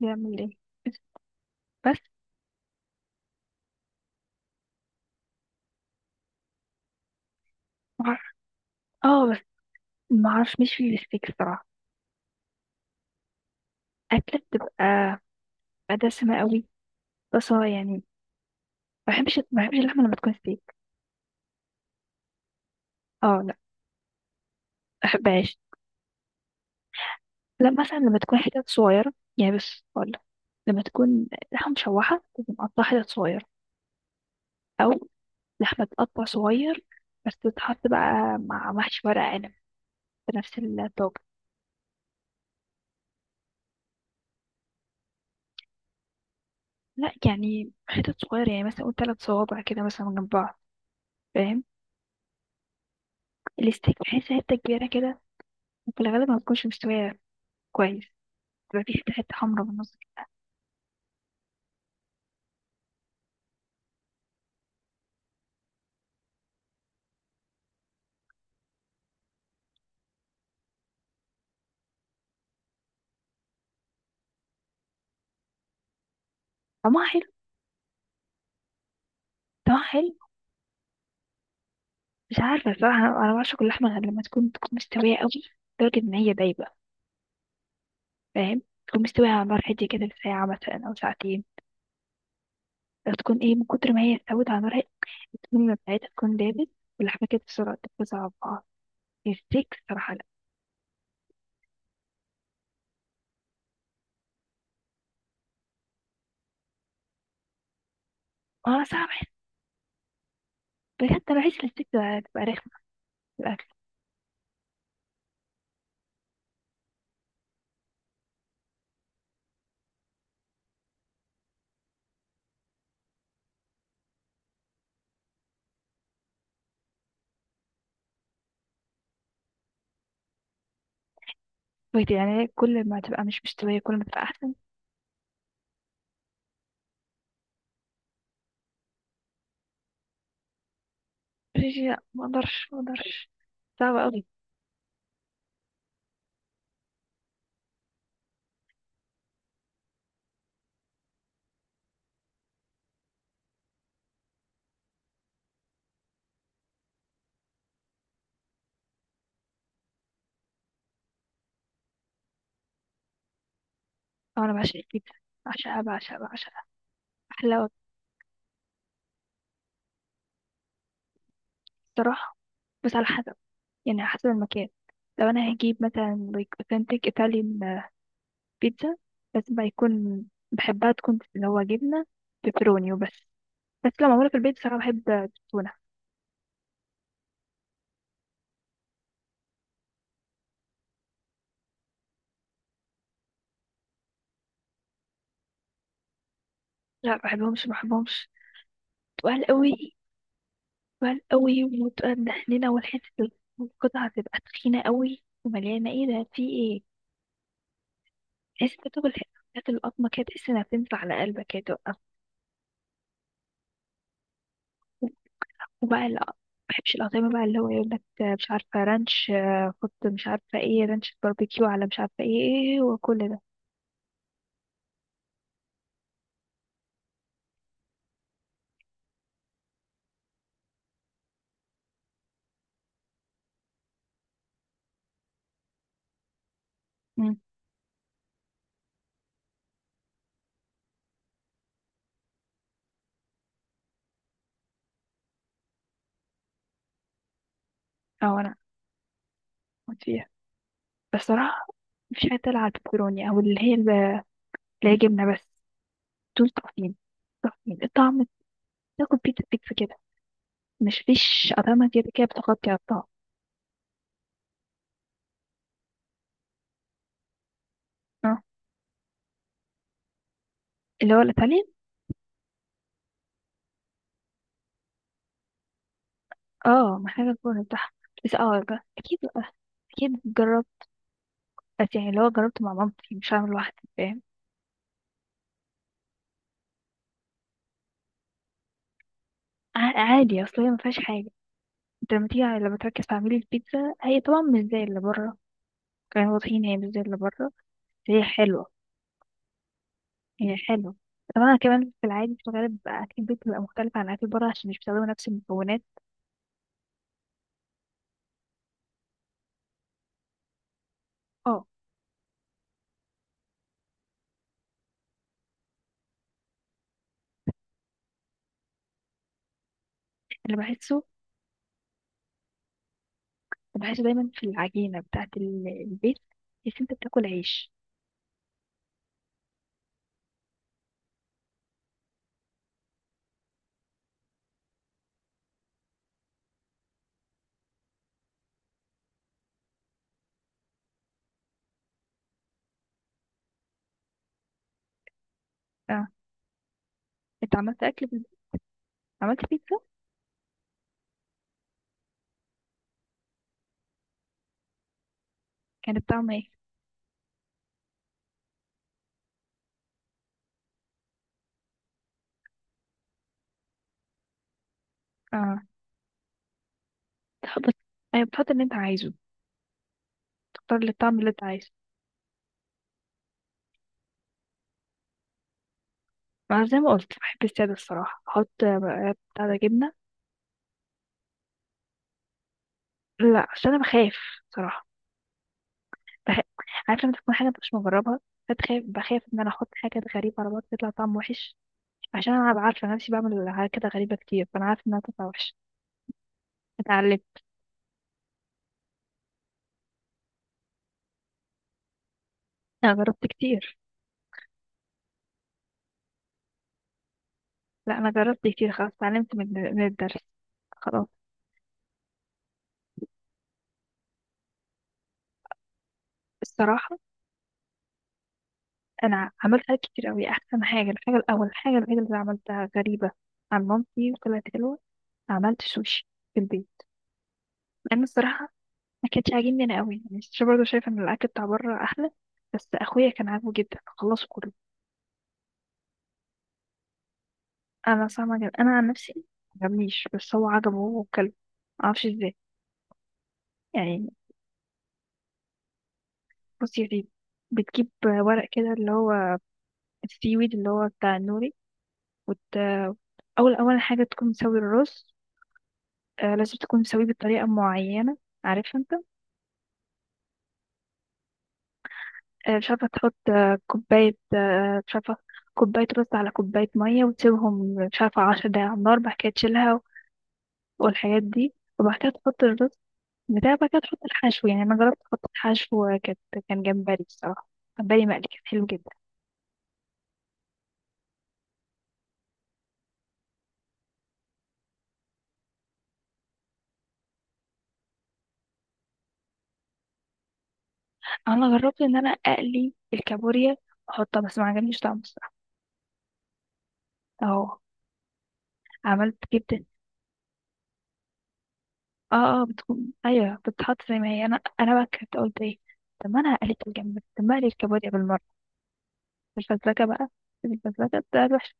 بيعمل ايه؟ بس معرف... اه بس ما اعرفش، مش في الستيك الصراحه. اكله بتبقى دسمه قوي. بس اه يعني ما بحبش اللحمه لما تكون ستيك. اه لا ما بحبهاش. لا مثلا لما تكون حتت صغيره يعني بس، ولا لما تكون لحمه مشوحه تكون مقطعه حتت صغيره، او لحمه تقطع صغير بس تتحط بقى مع محشي ورق عنب بنفس الطاجن. لا يعني حتت صغيره يعني، مثلا قول ثلاث صوابع كده مثلا جنب بعض، فاهم؟ الستيك بحس حته كبيره كده، في الغالب ما بتكونش مستوية كويس. بيبقى في حتة حتة حمرا في النص. طعمها حلو. طعمها حلو. مش عارفة صراحة، أنا بعشق اللحمة غير لما تكون مستوية أوي، لدرجة إن هي دايبة. فاهم. تكون مستوية على نار هادية كده لساعة مثلا أو ساعتين. لو تكون إيه من كتر ما هي استوت على نار هادية، السمنة بتاعتها تكون دابت، واللحمة كده بسرعة تتوزع على بعض. الستيك صراحة لأ. أنا صعب بحس، بجد أنا بحس إن الستيك ده تبقى رخمة في الأكل. بجد يعني كل ما تبقى مش مستوية كل ما تبقى أحسن. لا، ما أقدرش ما أقدرش، صعبة أوي. أو أنا بعشق الكبدة، بعشقها بعشقها بعشقها، أحلى وجبة. الصراحة بس على حسب، يعني على حسب المكان. لو أنا هجيب مثلا like authentic Italian بيتزا، لازم بقى يكون، بحبها تكون اللي هو جبنة بيبروني وبس. بس لو معمولة في البيت صراحة بحب التونة. لا بحبهمش بحبهمش، تقال قوي. تقال قوي وتقال مدهننة، والحتة القطعة تبقى تخينة قوي ومليانة، ايه ده في ايه؟ تحس انت بتاكل حتة القطمة كده، تحس انها بتنزل على قلبك كده. وبقى لا ما بحبش الأطعمة بقى اللي هو يقول لك مش عارفة رانش، آه، حط مش عارفة ايه رانش باربيكيو على مش عارفة ايه، إيه، وكل ده. مم. اه انا كنت فيها. بس صراحة مفيش حاجة تلعب على البيبروني او اللي هي اللي هي جبنة بس. دول تحفين، تحفين الطعم. تاكل بيتزا بيتزا كده، مش فيش أطعمة كده كده بتغطي على الطعم. اه اللي هو الإيطاليان. اه محتاجة الفرن بتاعها. بس اه أكيد، أكيد جربت. بس يعني اللي هو جربته مع مامتي مش هعمل لوحدي، فاهم. عادي، أصل هي مفيهاش حاجة. انت لما تيجي لما تركز في عميل البيتزا، هي طبعا مش زي اللي بره كانوا واضحين، هي مش زي اللي بره بس هي حلوة. هي حلوة طبعا. كمان في العادي في الغالب أكل البيت بيبقى مختلف عن أكل بره عشان مش بيستخدموا نفس المكونات. اه اللي بحسه، اللي بحسه دايما في العجينة بتاعة البيت، إن أنت بتاكل عيش. اه أنت عملت أكل عملت بيتزا. كانت طعمها ايه؟ اه تحط، أيوة بتحط اللي أنت عايزه، تختار الطعم اللي أنت عايزه. ما زي ما قلت بحب السادة الصراحة، أحط آه، بتاع ده جبنة. لا عشان أنا بخاف صراحة. بح... عارفه لما تكون حاجه مش مجربها، فتخاف. بخاف ان انا احط حاجه غريبه على بعض تطلع طعم وحش. عشان انا أبقى عارفه نفسي بعمل حاجات كده غريبه كتير، فانا عارفه انها تطلع وحش. اتعلمت. انا جربت كتير. لا انا جربت كتير، خلاص اتعلمت من الدرس، خلاص. الصراحه انا عملت حاجات كتير قوي. احسن حاجه، الحاجه الاول، الحاجه الوحيده اللي عملتها غريبه عن مامتي وطلعت حلوه، عملت سوشي في البيت. لان الصراحه ما كانش عاجبني انا قوي، يعني مش برضه شايفه ان الاكل بتاع بره احلى. بس اخويا كان عاجبه جدا خلصه كله. انا فاهمه جدا، انا عن نفسي مجبنيش، بس هو عجبه هو وكله، معرفش ازاي يعني. بصي يا سيدي، بتجيب ورق كده اللي هو السي ويد اللي هو بتاع النوري، وت... اول اول حاجه تكون مسوي الرز. آه لازم تكون مسويه بطريقه معينه، عارف انت. آه مش عارفه، تحط آه كوبايه، آه مش عارفه، كوبايه رز على كوبايه ميه، وتسيبهم مش عارفه عشر دقايق على النار، بعد كده تشيلها والحاجات دي. وبعد كده تحط الرز بتاع بقى كده، تحط الحشو. يعني انا جربت احط الحشو، كان جمبري الصراحه، جمبري مقلي، كان حلو جدا. انا جربت ان انا اقلي الكابوريا واحطها، بس ما عجبنيش طعمه الصراحه. اهو عملت جبت اه بتكون، ايوه بتتحط زي ما هي. انا بقى كنت قلت ايه، طب ما انا قليت الجمبري طب ما اقلي الكابوريا بالمره، الفزلكه بقى. الفزلكه بتاعت وحش.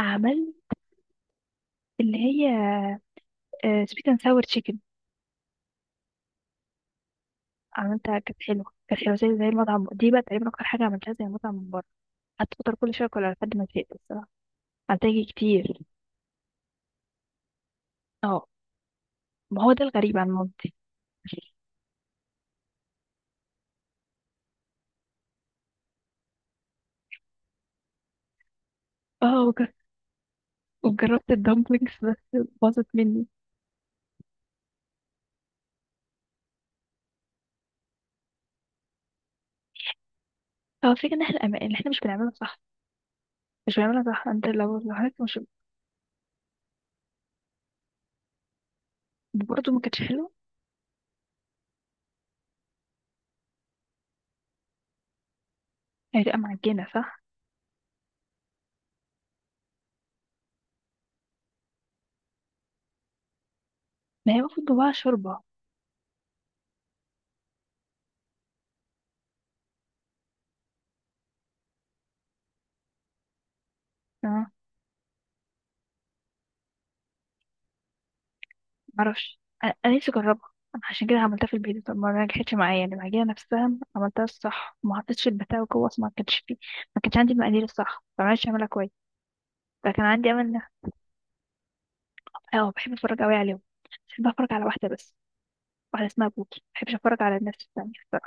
عملت اللي هي سويت اند ساور تشيكن، عملتها كانت حلوه، كانت حلوه زي زي المطعم. دي بقى تقريبا اكتر حاجه عملتها زي المطعم من بره، قعدت فتره كل شويه اكلها لحد ما زهقت الصراحه، هتاجي كتير. اه ما هو ده الغريب عن مامتي. اه وجربت الدمبلينجز بس باظت مني. هو الفكرة ان احنا ان احنا مش بنعملها صح، مش بنعملها صح، انت لو حضرتك مش برضه، ما كانتش حلوة. هتبقى معجنة صح؟ ما هي المفروض جواها شوربة. اه معرفش، أنا نفسي اجربها. أنا عشان كده عملتها في البيت، طب ما نجحتش معايا يعني المعجنة نفسها عملتها الصح، ما حطيتش البتاع جوه أصل ما كانش فيه. ما كانش عندي المقادير الصح، ما عرفتش اعملها كويس، فكان عندي امل اه بحب اتفرج قوي عليهم. بحب اتفرج على واحدة بس، واحدة اسمها بوكي، مبحبش اتفرج على الناس التانية.